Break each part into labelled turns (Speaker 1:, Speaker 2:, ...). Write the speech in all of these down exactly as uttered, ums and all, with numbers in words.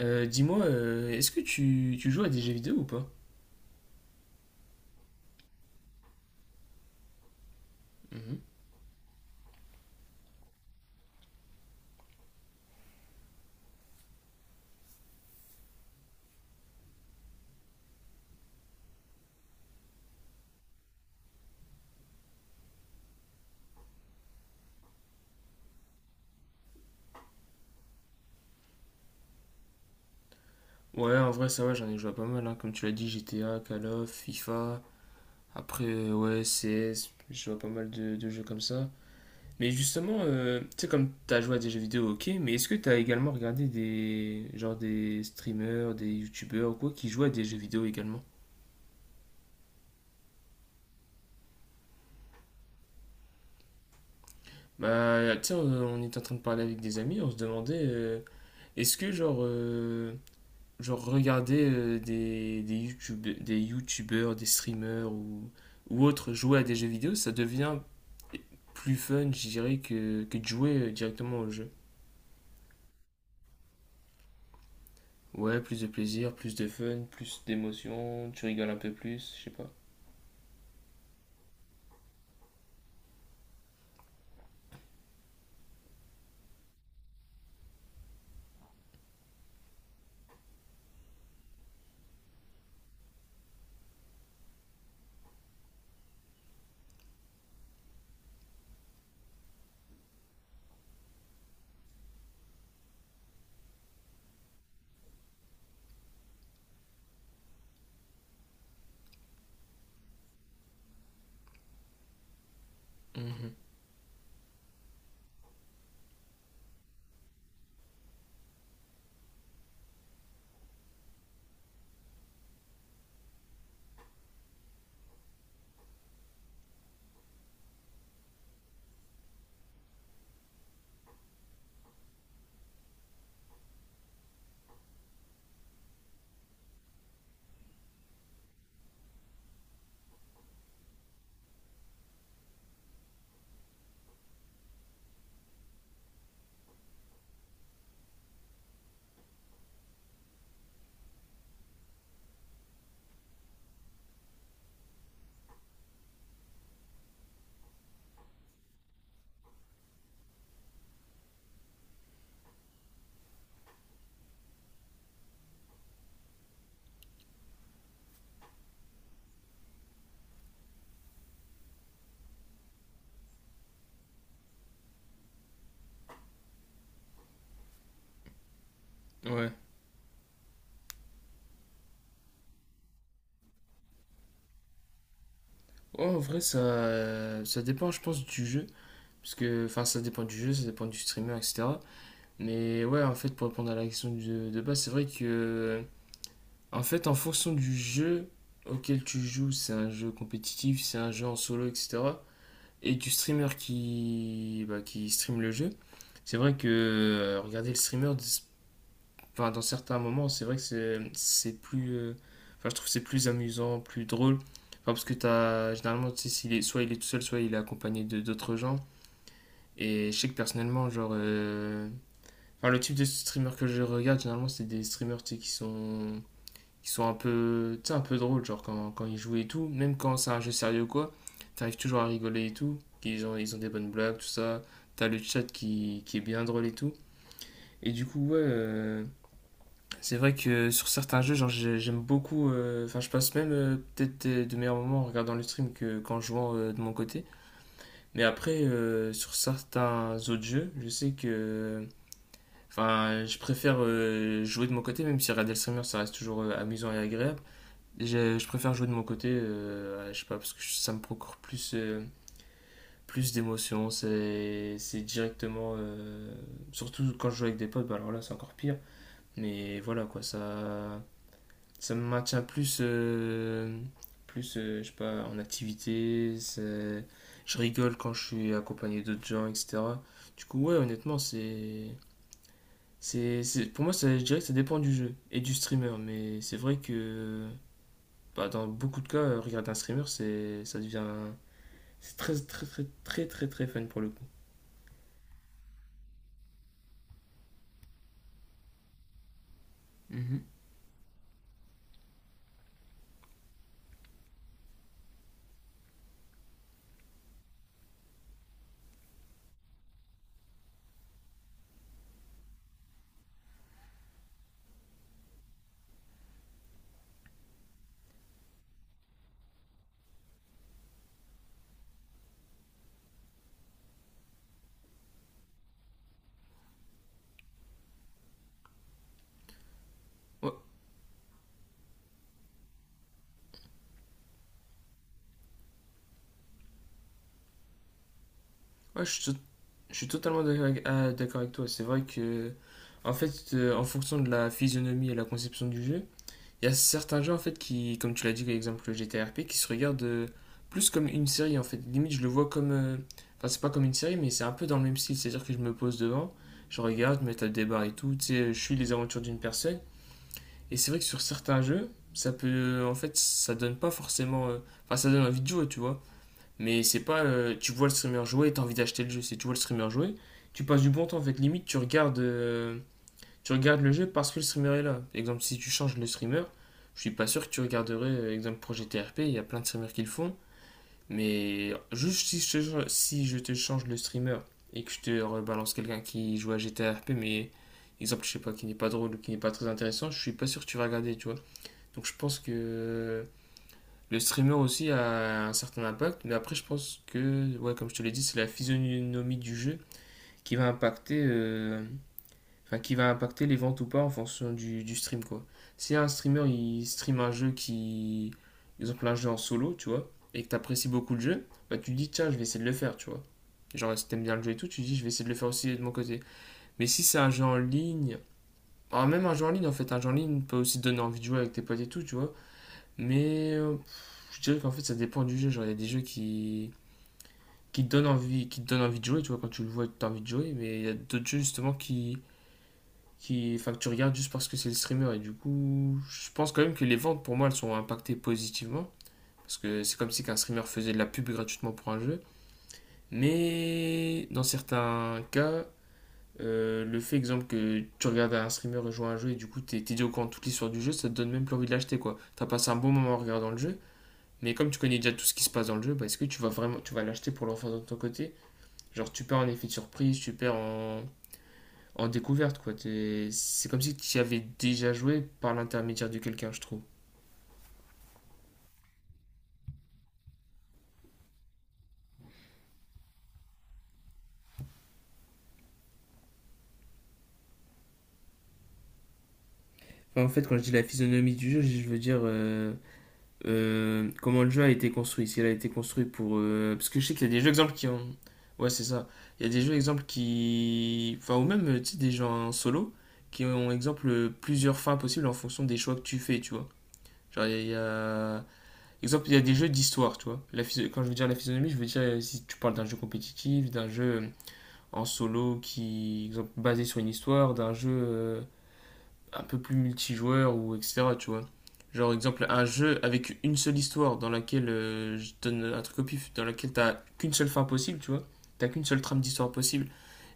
Speaker 1: Euh, Dis-moi, euh, est-ce que tu, tu joues à des jeux vidéo ou pas? Mhm. Ouais, en vrai, ça va, j'en ai joué à pas mal, hein. Comme tu l'as dit, G T A, Call of, FIFA, après, euh, ouais, C S, je joue à pas mal de, de jeux comme ça. Mais justement, euh, tu sais, comme t'as joué à des jeux vidéo, ok, mais est-ce que t'as également regardé des, genre des streamers, des youtubeurs ou quoi, qui jouent à des jeux vidéo également? Bah, tu sais, on, on était en train de parler avec des amis, on se demandait, euh, est-ce que, genre, euh, genre regarder euh, des, des, YouTube, des youtubeurs, des streamers ou, ou autres jouer à des jeux vidéo, ça devient plus fun, je dirais, que, que de jouer euh, directement au jeu. Ouais, plus de plaisir, plus de fun, plus d'émotion, tu rigoles un peu plus, je sais pas. Mhm. Ouais. Ouais, en vrai, ça, euh, ça dépend, je pense, du jeu. Parce que, enfin, ça dépend du jeu, ça dépend du streamer, et cetera. Mais ouais, en fait, pour répondre à la question de, de base, c'est vrai que, en fait, en fonction du jeu auquel tu joues, c'est un jeu compétitif, c'est un jeu en solo, et cetera. Et du streamer qui, bah, qui stream le jeu, c'est vrai que euh, regarder le streamer, dis- enfin, dans certains moments, c'est vrai que c'est c'est plus. euh, Enfin, je trouve que c'est plus amusant, plus drôle. Enfin, parce que t'as, généralement, tu sais, s'il est, soit il est tout seul, soit il est accompagné de d'autres gens. Et je sais que personnellement, genre. euh, enfin, le type de streamer que je regarde, généralement, c'est des streamers, tu sais, qui sont qui sont un peu, tu sais, un peu drôles, genre quand, quand ils jouent et tout, même quand c'est un jeu sérieux ou quoi, t'arrives toujours à rigoler et tout, ils ont, ils ont des bonnes blagues, tout ça, t'as le chat qui, qui est bien drôle et tout. Et du coup, ouais, euh, c'est vrai que sur certains jeux, genre j'ai- j'aime beaucoup, euh, enfin je passe même euh, peut-être des- de meilleurs moments en regardant le stream que qu'en jouant euh, de mon côté. Mais après, euh, sur certains autres jeux, je sais que, enfin je préfère euh, jouer de mon côté, même si regarder le streamer, ça reste toujours euh, amusant et agréable. Je, je préfère jouer de mon côté, euh, ouais, je sais pas, parce que ça me procure plus, euh, plus d'émotions. C'est c'est directement. Euh, surtout quand je joue avec des potes, bah alors là, c'est encore pire. Mais voilà, quoi, ça, ça me maintient plus. Euh, plus, euh, je sais pas, en activité. c'est- Je rigole quand je suis accompagné d'autres gens, et cetera. Du coup, ouais, honnêtement, c'est. c'est c'est- pour moi, ça, je dirais que ça dépend du jeu et du streamer, mais c'est vrai que bah, dans beaucoup de cas, euh, regarder un streamer, c'est, ça devient. C'est très, très, très, très, très, très fun pour le coup. Mhm. Ouais, ouais, je suis, to- je suis totalement d'accord avec, ah, d'accord avec toi. C'est vrai que, en fait, euh, en fonction de la physionomie et la conception du jeu, il y a certains jeux, en fait, qui, comme tu l'as dit, par exemple le G T R P, qui se regardent euh, plus comme une série, en fait. Limite, je le vois comme. Euh, Enfin, c'est pas comme une série, mais c'est un peu dans le même style. C'est-à-dire que je me pose devant, je regarde, je me tape des barres et tout. Tu sais, je suis les aventures d'une personne. Et c'est vrai que sur certains jeux, ça peut. En fait, ça donne pas forcément. euh, Enfin, ça donne envie de jouer, tu vois. Mais c'est pas. Euh, tu vois le streamer jouer et t'as envie d'acheter le jeu. C'est tu vois le streamer jouer, tu passes du bon temps. En fait, limite, tu regardes, euh, tu regardes le jeu parce que le streamer est là. Exemple, si tu changes le streamer, je suis pas sûr que tu regarderais. Euh, exemple, Projet T R P, il y a plein de streamers qui le font. Mais juste si je, te- si je te change le streamer et que je te rebalance quelqu'un qui joue à G T A R P, mais exemple, je sais pas, qui n'est pas drôle ou qui n'est pas très intéressant, je suis pas sûr que tu vas regarder, tu vois. Donc je pense que le streamer aussi a un certain impact, mais après je pense que, ouais, comme je te l'ai dit, c'est la physionomie du jeu qui va impacter, euh, enfin, qui va impacter les ventes ou pas en fonction du, du stream, quoi. Si un streamer, il stream un jeu qui, par exemple, un jeu en solo, tu vois, et que t'apprécies beaucoup le jeu, bah tu te dis, tiens, je vais essayer de le faire, tu vois. Genre, si t'aimes bien le jeu et tout, tu te dis, je vais essayer de le faire aussi de mon côté. Mais si c'est un jeu en ligne, alors même un jeu en ligne, en fait, un jeu en ligne peut aussi te donner envie de jouer avec tes potes et tout, tu vois. Mais euh, pff, je dirais qu'en fait, ça dépend du jeu. Genre, il y a des jeux qui, qui te donnent envie, qui te donnent envie de jouer, tu vois, quand tu le vois, tu as envie de jouer. Mais il y a d'autres jeux, justement, qui, qui, enfin, que tu regardes juste parce que c'est le streamer. Et du coup, je pense quand même que les ventes, pour moi, elles sont impactées positivement. Parce que c'est comme si qu'un streamer faisait de la pub gratuitement pour un jeu. Mais dans certains cas, euh, le fait, exemple, que tu regardes un streamer jouer à un jeu et du coup, t'es t'es dit au courant de toute l'histoire du jeu, ça te donne même plus envie de l'acheter, quoi. T'as passé un bon moment en regardant le jeu. Mais comme tu connais déjà tout ce qui se passe dans le jeu, bah, est-ce que tu vas vraiment tu vas l'acheter pour l'enfant de ton côté? Genre tu perds en effet de surprise, tu perds en, en découverte, quoi. T'es- C'est comme si tu y avais déjà joué par l'intermédiaire de quelqu'un, je trouve. Enfin, en fait, quand je dis la physionomie du jeu, je veux dire euh, euh, comment le jeu a été construit. S'il a été construit pour. euh, Parce que je sais qu'il y a des jeux exemples qui ont ouais c'est ça, il y a des jeux exemples qui, enfin, ou même euh, tu sais, des gens en solo qui ont exemple plusieurs fins possibles en fonction des choix que tu fais, tu vois. Genre il y a- il y a, exemple, il y a des jeux d'histoire, tu vois. La Quand je veux dire la physionomie, je veux dire euh, si tu parles d'un jeu compétitif, d'un jeu euh, en solo qui, exemple, basé sur une histoire, d'un jeu euh, un peu plus multijoueur ou et cetera. Tu vois. Genre, exemple, un jeu avec une seule histoire dans laquelle euh, je donne un truc au pif, dans laquelle t'as qu'une seule fin possible, tu vois. T'as qu'une seule trame d'histoire possible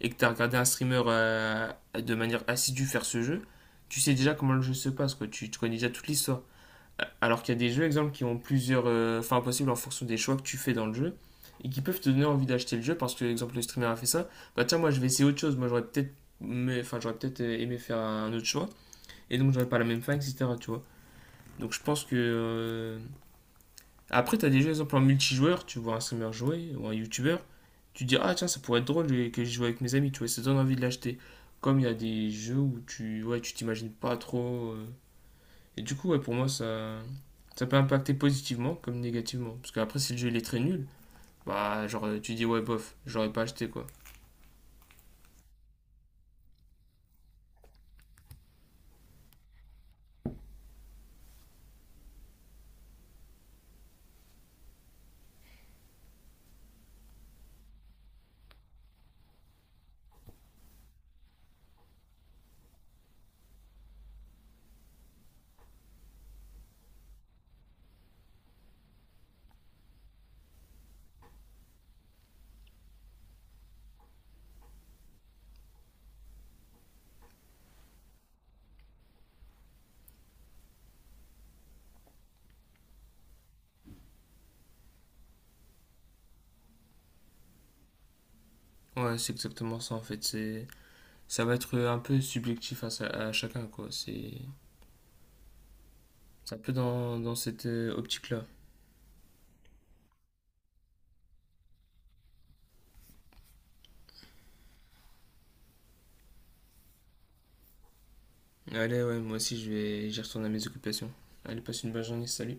Speaker 1: et que t'as regardé un streamer euh, de manière assidue faire ce jeu, tu sais déjà comment le jeu se passe, quoi. Tu, tu connais déjà toute l'histoire. Alors qu'il y a des jeux, exemple, qui ont plusieurs euh, fins possibles en fonction des choix que tu fais dans le jeu et qui peuvent te donner envie d'acheter le jeu parce que, exemple, le streamer a fait ça. Bah tiens, moi je vais essayer autre chose. Moi j'aurais peut-être mais Enfin, j'aurais peut-être euh, aimé faire un autre choix et donc j'aurais pas la même fin, etc., tu vois. Donc je pense que euh, après t'as des jeux exemple en multijoueur, tu vois un streamer jouer ou un youtubeur, tu te dis ah tiens ça pourrait être drôle euh, que je joue avec mes amis, tu vois, ça donne envie de l'acheter, comme il y a des jeux où tu ouais, tu t'imagines pas trop, euh, et du coup, ouais, pour moi, ça, ça peut impacter positivement comme négativement. Parce qu'après, si le jeu il est très nul, bah, genre, euh, tu dis, ouais, bof, j'aurais pas acheté, quoi. Ouais, c'est exactement ça, en fait. C'est, ça va être un peu subjectif à, sa- à chacun, quoi. C'est, c'est un peu dans, dans cette euh, optique-là. Allez, ouais, moi aussi, je vais, j'y retourne à mes occupations. Allez, passe une bonne journée, salut.